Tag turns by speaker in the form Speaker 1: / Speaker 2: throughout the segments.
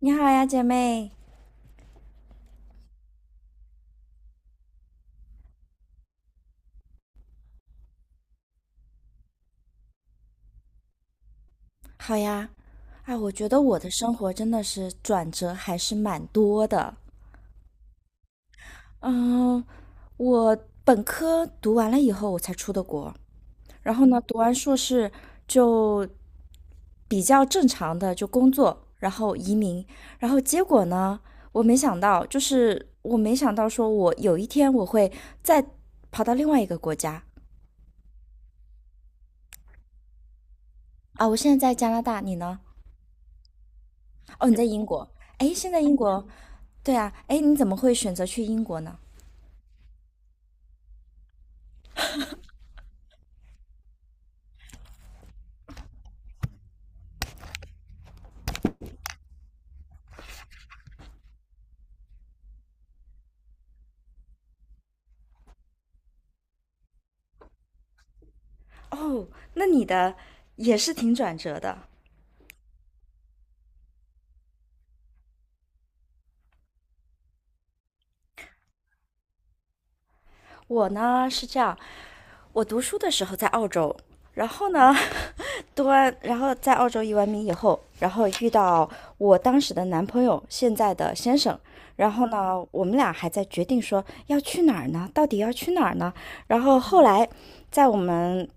Speaker 1: 你好呀，姐妹，好呀。哎，我觉得我的生活真的是转折还是蛮多的。嗯，我本科读完了以后，我才出的国。然后呢，读完硕士就比较正常的就工作，然后移民。然后结果呢，我没想到，就是我没想到说我有一天我会再跑到另外一个国家啊。我现在在加拿大，你呢？哦，你在英国。哎，现在英国。对啊，哎，你怎么会选择去英国呢？哦，那你的也是挺转折的。我呢是这样，我读书的时候在澳洲，然后呢，读完，然后在澳洲移完名以后，然后遇到我当时的男朋友，现在的先生，然后呢，我们俩还在决定说要去哪儿呢，到底要去哪儿呢？然后后来，在我们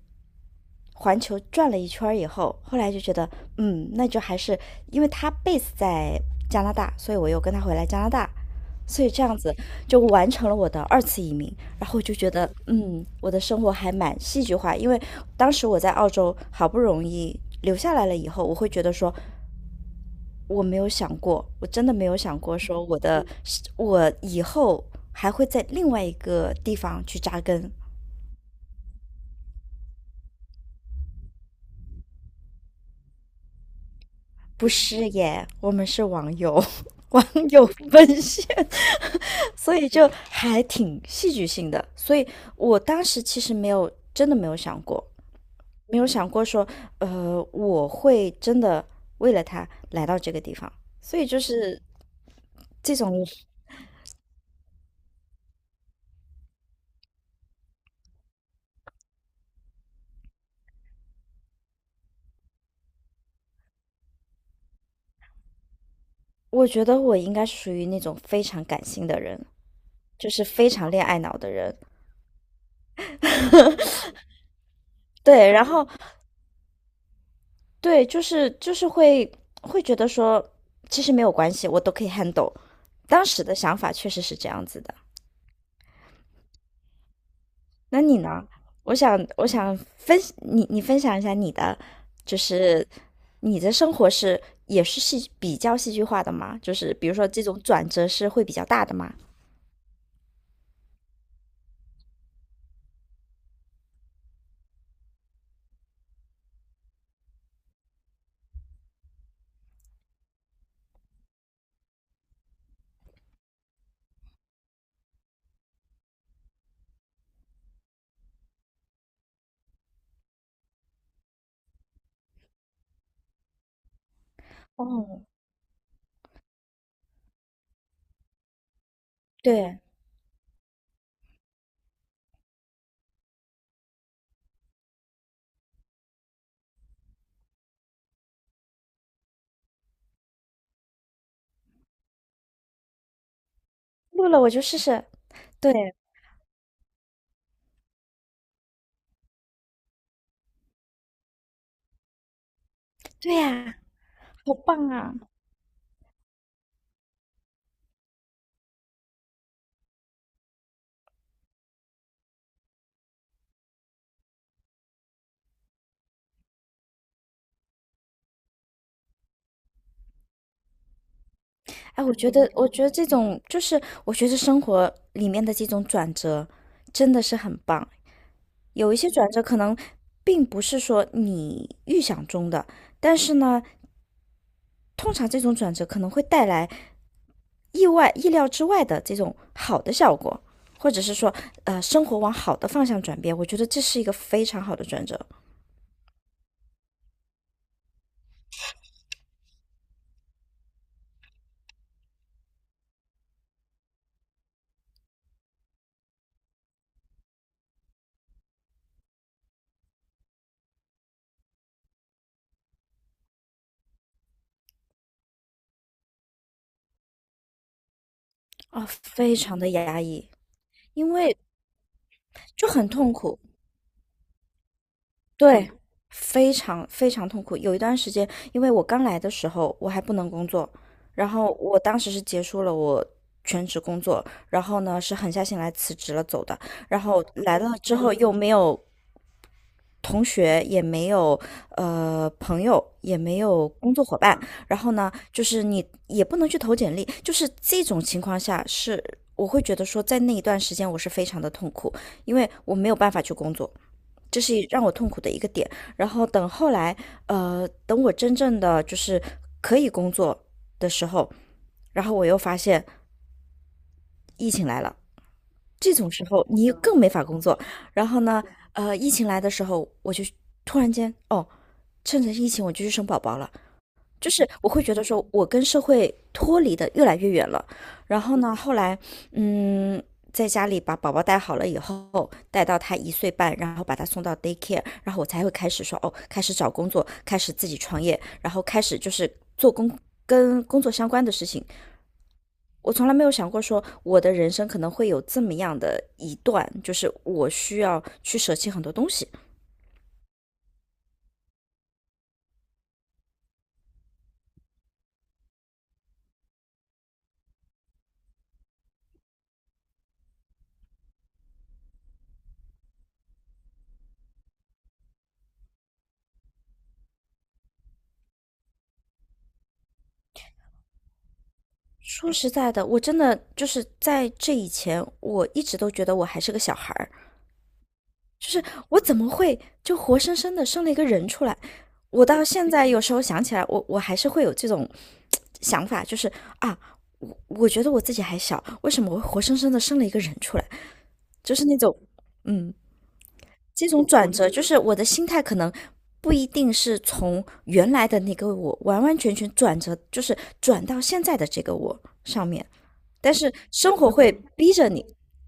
Speaker 1: 环球转了一圈以后，后来就觉得，嗯，那就还是因为他 base 在加拿大，所以我又跟他回来加拿大，所以这样子就完成了我的二次移民。然后我就觉得，嗯，我的生活还蛮戏剧化，因为当时我在澳洲好不容易留下来了以后，我会觉得说，我没有想过，我真的没有想过说我以后还会在另外一个地方去扎根。不是耶，我们是网友 网友奔现 所以就还挺戏剧性的。所以我当时其实没有真的没有想过，没有想过说，我会真的为了他来到这个地方。所以就是这种，我觉得我应该是属于那种非常感性的人，就是非常恋爱脑的人。对，然后对，就是会觉得说，其实没有关系，我都可以 handle。当时的想法确实是这样子的。那你呢？我想我想分你分享一下你的，就是你的生活是也是比较戏剧化的吗？就是比如说这种转折是会比较大的吗？哦，对，录了我就试试。对对呀，好棒啊！哎，我觉得，我觉得这种就是我觉得生活里面的这种转折真的是很棒。有一些转折可能并不是说你预想中的，但是呢，通常这种转折可能会带来意外、意料之外的这种好的效果，或者是说，生活往好的方向转变。我觉得这是一个非常好的转折啊，非常的压抑，因为就很痛苦。对，非常非常痛苦。有一段时间，因为我刚来的时候，我还不能工作，然后我当时是结束了我全职工作，然后呢是狠下心来辞职了走的。然后来了之后又没有同学，也没有朋友，也没有工作伙伴，然后呢就是你也不能去投简历，就是这种情况下是我会觉得说，在那一段时间我是非常的痛苦，因为我没有办法去工作。这是让我痛苦的一个点。然后等后来，等我真正的就是可以工作的时候，然后我又发现疫情来了，这种时候你更没法工作。然后呢，疫情来的时候，我就突然间，哦，趁着疫情我就去生宝宝了。就是我会觉得说，我跟社会脱离的越来越远了。然后呢，后来，嗯，在家里把宝宝带好了以后，带到他一岁半，然后把他送到 daycare，然后我才会开始说，哦，开始找工作，开始自己创业，然后开始就是跟工作相关的事情。我从来没有想过说，我的人生可能会有这么样的一段，就是我需要去舍弃很多东西。说实在的，我真的就是在这以前，我一直都觉得我还是个小孩儿，我怎么会就活生生的生了一个人出来？我到现在有时候想起来，我还是会有这种想法，就是啊，我觉得我自己还小，为什么我会活生生的生了一个人出来？就是那种，嗯，这种转折，就是我的心态可能不一定是从原来的那个我完完全全转折，就是转到现在的这个我上面。但是生活会逼着你，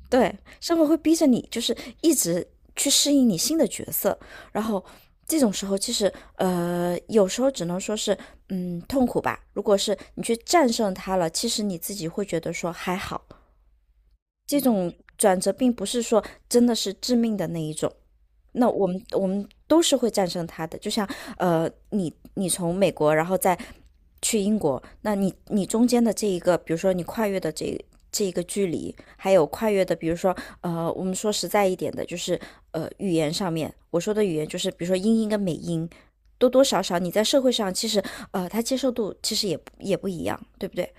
Speaker 1: 对，生活会逼着你，就是一直去适应你新的角色。然后这种时候，其实有时候只能说是，嗯，痛苦吧。如果是你去战胜它了，其实你自己会觉得说还好。这种转折并不是说真的是致命的那一种，那我们都是会战胜它的。就像你从美国，然后再去英国，那你中间的这一个，比如说你跨越的这一个距离，还有跨越的，比如说我们说实在一点的，就是语言上面，我说的语言就是比如说英音跟美音，多多少少你在社会上其实它接受度其实也不一样，对不对？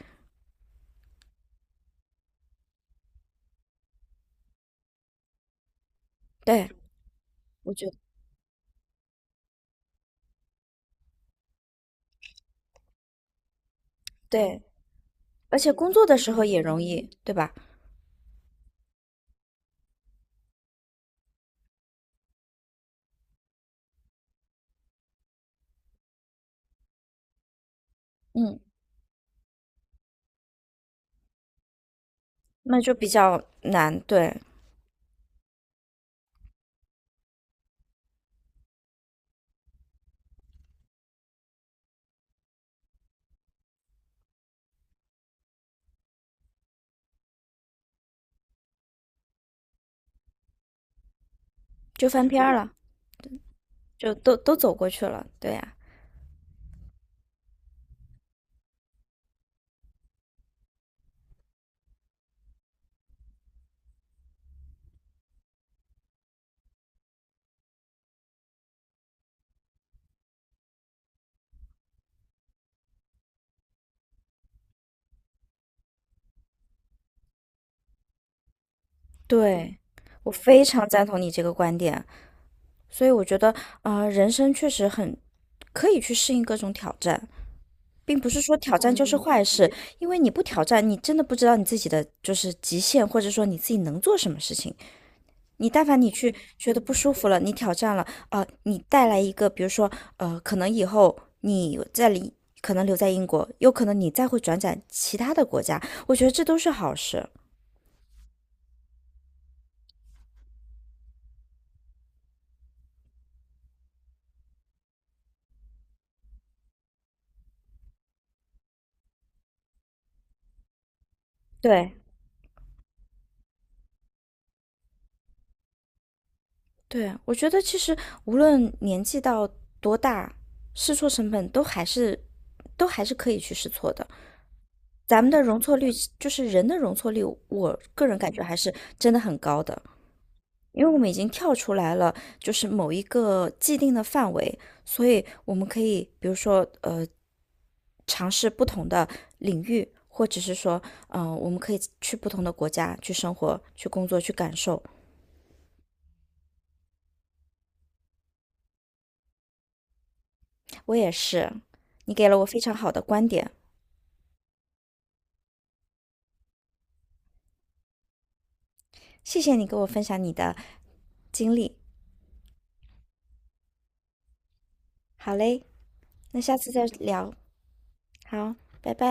Speaker 1: 对，我觉得对，而且工作的时候也容易，对吧？嗯，那就比较难，对。就翻篇儿了，就都走过去了。对呀，对，我非常赞同你这个观点。所以我觉得，人生确实很可以去适应各种挑战，并不是说挑战就是嗯坏事，因为你不挑战，你真的不知道你自己的就是极限，或者说你自己能做什么事情。你但凡你去觉得不舒服了，你挑战了，你带来一个，比如说，可能以后你在里。可能留在英国，有可能你再会转战其他的国家，我觉得这都是好事。对，对，我觉得其实无论年纪到多大，试错成本都还是可以去试错的。咱们的容错率，就是人的容错率，我个人感觉还是真的很高的，因为我们已经跳出来了，就是某一个既定的范围，所以我们可以，比如说，尝试不同的领域，或者是说，嗯、我们可以去不同的国家去生活、去工作、去感受。我也是，你给了我非常好的观点。谢谢你跟我分享你的经历。好嘞，那下次再聊。好，拜拜。